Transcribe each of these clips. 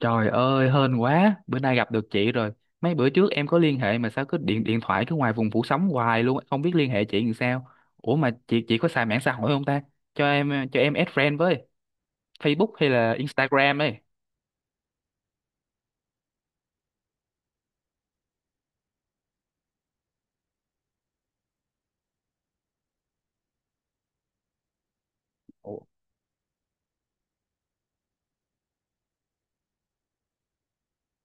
Trời ơi, hên quá, bữa nay gặp được chị rồi. Mấy bữa trước em có liên hệ mà sao cứ điện điện thoại cứ ngoài vùng phủ sóng hoài luôn, không biết liên hệ chị làm sao. Ủa mà chị có xài mạng xã hội không ta? Cho em add friend với Facebook hay là Instagram ấy. Ủa,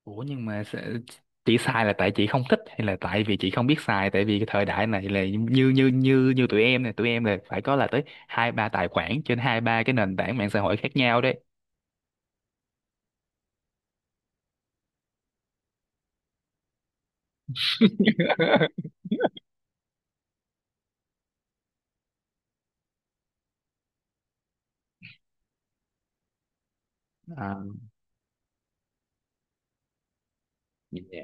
ủa, nhưng mà chị xài là tại chị không thích hay là tại vì chị không biết xài tại vì cái thời đại này là như như như như tụi em này, tụi em là phải có là tới hai ba tài khoản trên hai ba cái nền tảng mạng xã hội khác nhau đấy. À.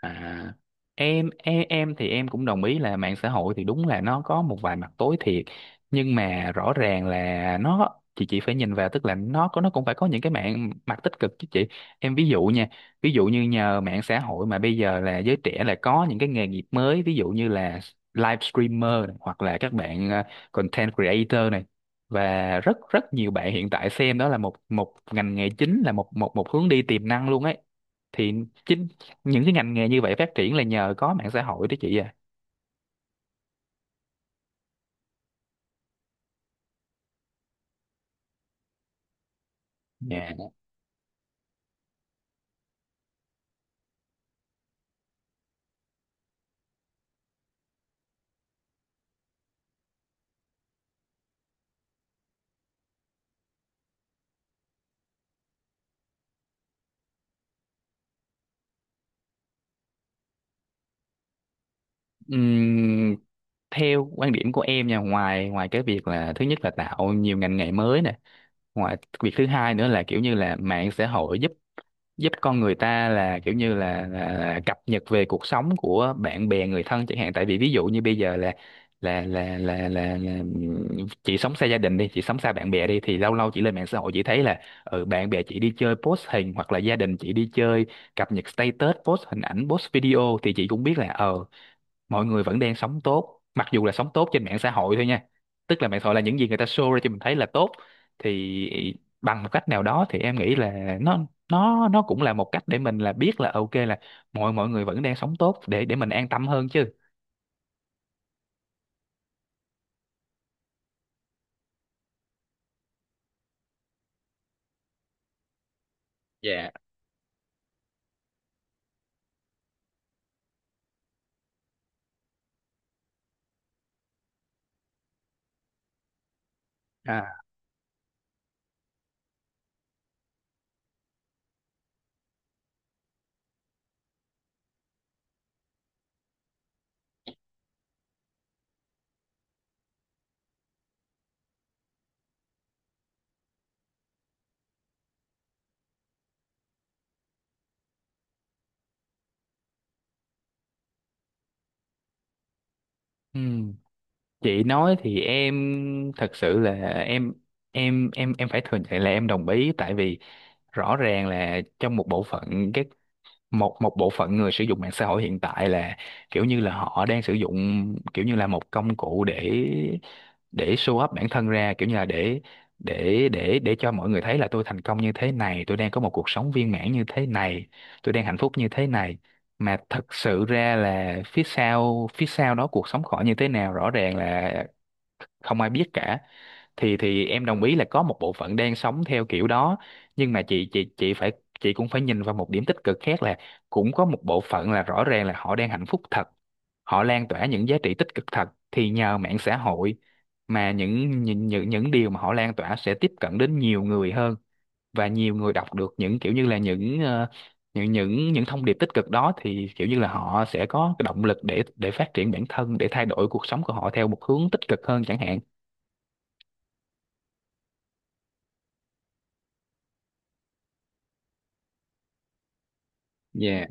À, em thì em cũng đồng ý là mạng xã hội thì đúng là nó có một vài mặt tối thiệt nhưng mà rõ ràng là nó chị phải nhìn vào tức là nó có nó cũng phải có những cái mạng mặt tích cực chứ chị em ví dụ nha. Ví dụ như nhờ mạng xã hội mà bây giờ là giới trẻ là có những cái nghề nghiệp mới, ví dụ như là live streamer này, hoặc là các bạn content creator này và rất rất nhiều bạn hiện tại xem đó là một một ngành nghề chính, là một một một hướng đi tiềm năng luôn ấy. Thì chính những cái ngành nghề như vậy phát triển là nhờ có mạng xã hội đó chị à. Dạ. Ừm, Theo quan điểm của em nha, ngoài ngoài cái việc là thứ nhất là tạo nhiều ngành nghề mới nè, ngoài việc thứ hai nữa là kiểu như là mạng xã hội giúp giúp con người ta là kiểu như là cập nhật về cuộc sống của bạn bè người thân chẳng hạn. Tại vì ví dụ như bây giờ là là là là là, là ừm, chị sống xa gia đình đi, chị sống xa bạn bè đi, thì lâu lâu chị lên mạng xã hội chị thấy là bạn bè chị đi chơi post hình hoặc là gia đình chị đi chơi cập nhật status, post hình ảnh, post video, thì chị cũng biết là mọi người vẫn đang sống tốt, mặc dù là sống tốt trên mạng xã hội thôi nha. Tức là mạng xã hội là những gì người ta show ra cho mình thấy là tốt. Thì bằng một cách nào đó thì em nghĩ là nó cũng là một cách để mình là biết là ok là mọi mọi người vẫn đang sống tốt để mình an tâm hơn chứ. Dạ. À. Ừ. Chị nói thì em thật sự là em em phải thừa nhận là em đồng ý. Tại vì rõ ràng là trong một bộ phận các một một bộ phận người sử dụng mạng xã hội hiện tại là kiểu như là họ đang sử dụng kiểu như là một công cụ để show up bản thân ra, kiểu như là để cho mọi người thấy là tôi thành công như thế này, tôi đang có một cuộc sống viên mãn như thế này, tôi đang hạnh phúc như thế này. Mà thật sự ra là phía sau đó cuộc sống họ như thế nào rõ ràng là không ai biết cả. Thì em đồng ý là có một bộ phận đang sống theo kiểu đó, nhưng mà chị phải chị cũng phải nhìn vào một điểm tích cực khác là cũng có một bộ phận là rõ ràng là họ đang hạnh phúc thật, họ lan tỏa những giá trị tích cực thật. Thì nhờ mạng xã hội mà những điều mà họ lan tỏa sẽ tiếp cận đến nhiều người hơn, và nhiều người đọc được những kiểu như là những những thông điệp tích cực đó thì kiểu như là họ sẽ có cái động lực để phát triển bản thân, để thay đổi cuộc sống của họ theo một hướng tích cực hơn chẳng hạn. Dạ.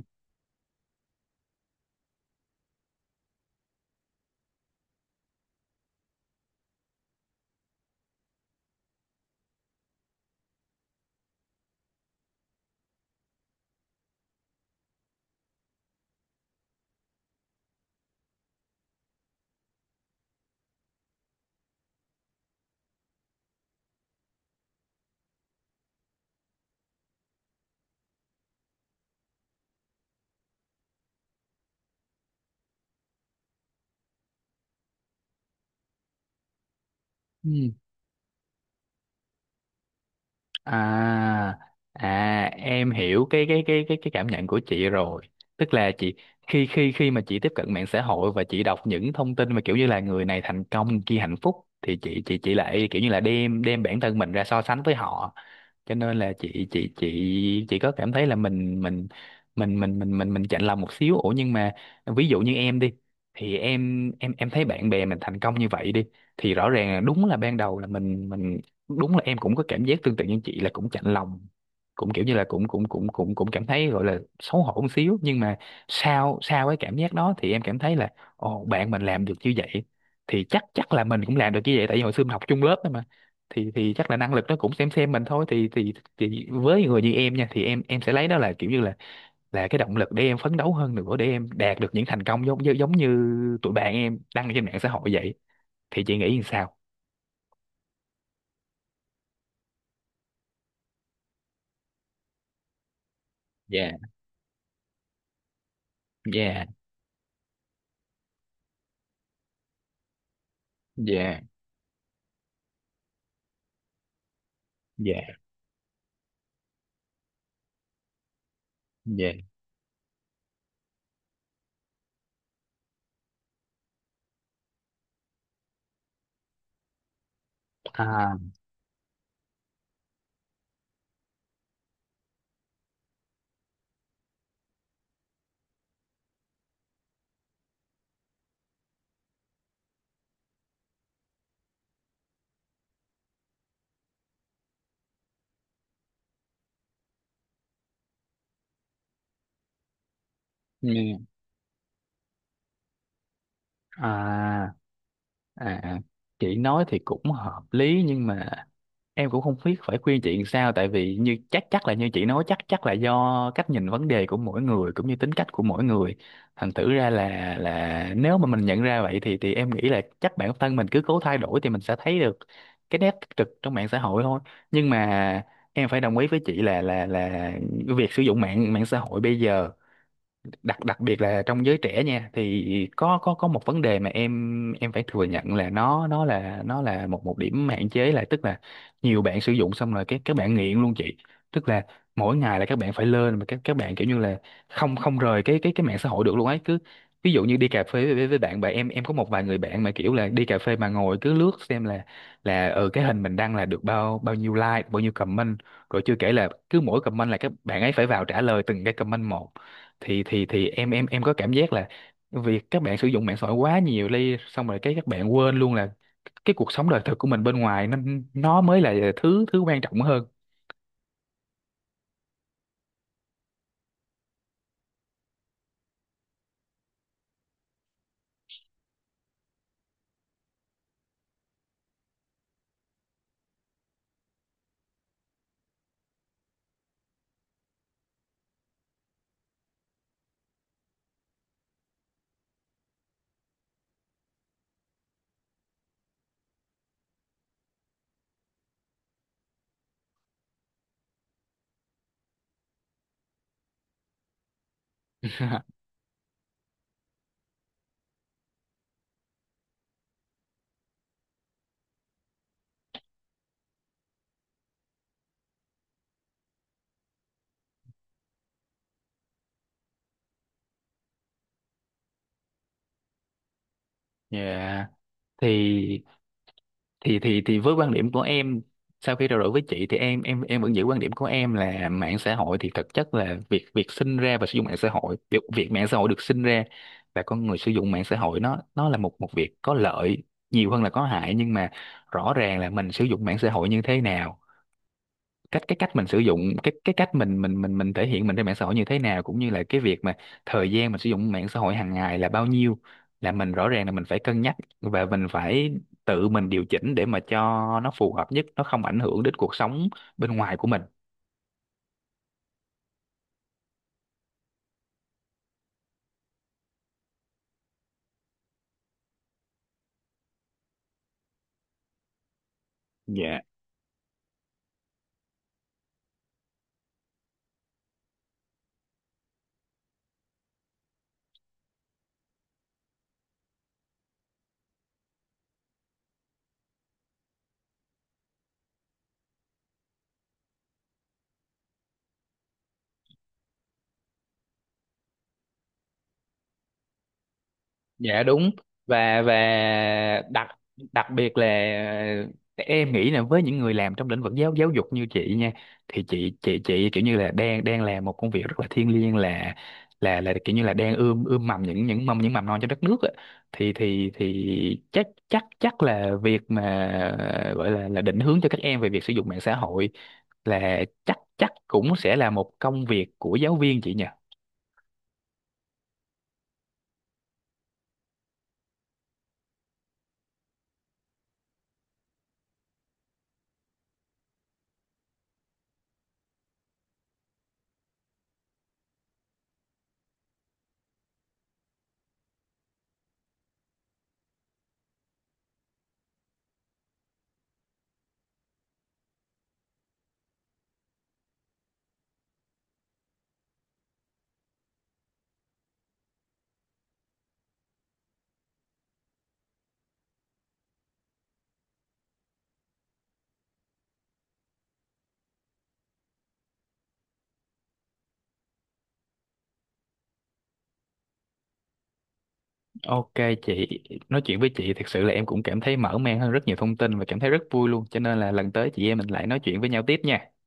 Ừ. À, à, em hiểu cái cảm nhận của chị rồi. Tức là chị khi khi khi mà chị tiếp cận mạng xã hội và chị đọc những thông tin mà kiểu như là người này thành công, người kia hạnh phúc, thì chị lại kiểu như là đem đem bản thân mình ra so sánh với họ. Cho nên là chị có cảm thấy là mình chạnh lòng một xíu. Ủa nhưng mà ví dụ như em đi, thì em thấy bạn bè mình thành công như vậy đi thì rõ ràng là đúng là ban đầu là mình đúng là em cũng có cảm giác tương tự như chị là cũng chạnh lòng, cũng kiểu như là cũng cũng cũng cũng cũng cảm thấy gọi là xấu hổ một xíu. Nhưng mà sau sau cái cảm giác đó thì em cảm thấy là ồ bạn mình làm được như vậy thì chắc chắc là mình cũng làm được như vậy, tại vì hồi xưa mình học chung lớp đó mà, thì chắc là năng lực nó cũng xem mình thôi. Thì với người như em nha thì em sẽ lấy đó là kiểu như là cái động lực để em phấn đấu hơn nữa để em đạt được những thành công giống như tụi bạn em đăng trên mạng xã hội vậy. Thì chị nghĩ như sao? Dạ, dạ, dạ, dạ. Dạ. À, nghe- à, à, à, chị nói thì cũng hợp lý nhưng mà em cũng không biết phải khuyên chị làm sao, tại vì như chắc chắc là như chị nói chắc chắc là do cách nhìn vấn đề của mỗi người cũng như tính cách của mỗi người. Thành thử ra là nếu mà mình nhận ra vậy thì em nghĩ là chắc bản thân mình cứ cố thay đổi thì mình sẽ thấy được cái nét tích cực trong mạng xã hội thôi. Nhưng mà em phải đồng ý với chị là việc sử dụng mạng mạng xã hội bây giờ đặc đặc biệt là trong giới trẻ nha thì có một vấn đề mà em phải thừa nhận là nó là một một điểm hạn chế là tức là nhiều bạn sử dụng xong rồi các bạn nghiện luôn chị. Tức là mỗi ngày là các bạn phải lên mà các bạn kiểu như là không không rời cái mạng xã hội được luôn ấy. Cứ ví dụ như đi cà phê với bạn bè, em có một vài người bạn mà kiểu là đi cà phê mà ngồi cứ lướt xem là ở cái hình mình đăng là được bao bao nhiêu like, bao nhiêu comment, rồi chưa kể là cứ mỗi comment là các bạn ấy phải vào trả lời từng cái comment một. Thì em có cảm giác là việc các bạn sử dụng mạng xã hội quá nhiều đi, xong rồi cái các bạn quên luôn là cái cuộc sống đời thực của mình bên ngoài nó mới là thứ thứ quan trọng hơn. Yeah. thì thì với quan điểm của em, sau khi trao đổi với chị thì em em vẫn giữ quan điểm của em là mạng xã hội thì thực chất là việc việc sinh ra và sử dụng mạng xã hội, việc việc mạng xã hội được sinh ra và con người sử dụng mạng xã hội nó là một một việc có lợi nhiều hơn là có hại. Nhưng mà rõ ràng là mình sử dụng mạng xã hội như thế nào, cái cách mình sử dụng, cái cách mình mình thể hiện mình trên mạng xã hội như thế nào, cũng như là cái việc mà thời gian mình sử dụng mạng xã hội hàng ngày là bao nhiêu, là mình rõ ràng là mình phải cân nhắc và mình phải tự mình điều chỉnh để mà cho nó phù hợp nhất, nó không ảnh hưởng đến cuộc sống bên ngoài của mình. Dạ. Dạ đúng. Và đặc đặc biệt là ờ, em nghĩ là với những người làm trong lĩnh vực giáo giáo dục như chị nha, thì chị kiểu như là đang đang làm một công việc rất là thiêng liêng, là kiểu như là đang ươm ươm mầm những mầm, những mầm non cho đất nước á. Thì chắc chắc chắc là việc mà gọi là định hướng cho các em về việc sử dụng mạng xã hội là chắc chắc cũng sẽ là một công việc của giáo viên chị nhỉ. Ok chị, nói chuyện với chị thật sự là em cũng cảm thấy mở mang hơn rất nhiều thông tin và cảm thấy rất vui luôn. Cho nên là lần tới chị em mình lại nói chuyện với nhau tiếp nha.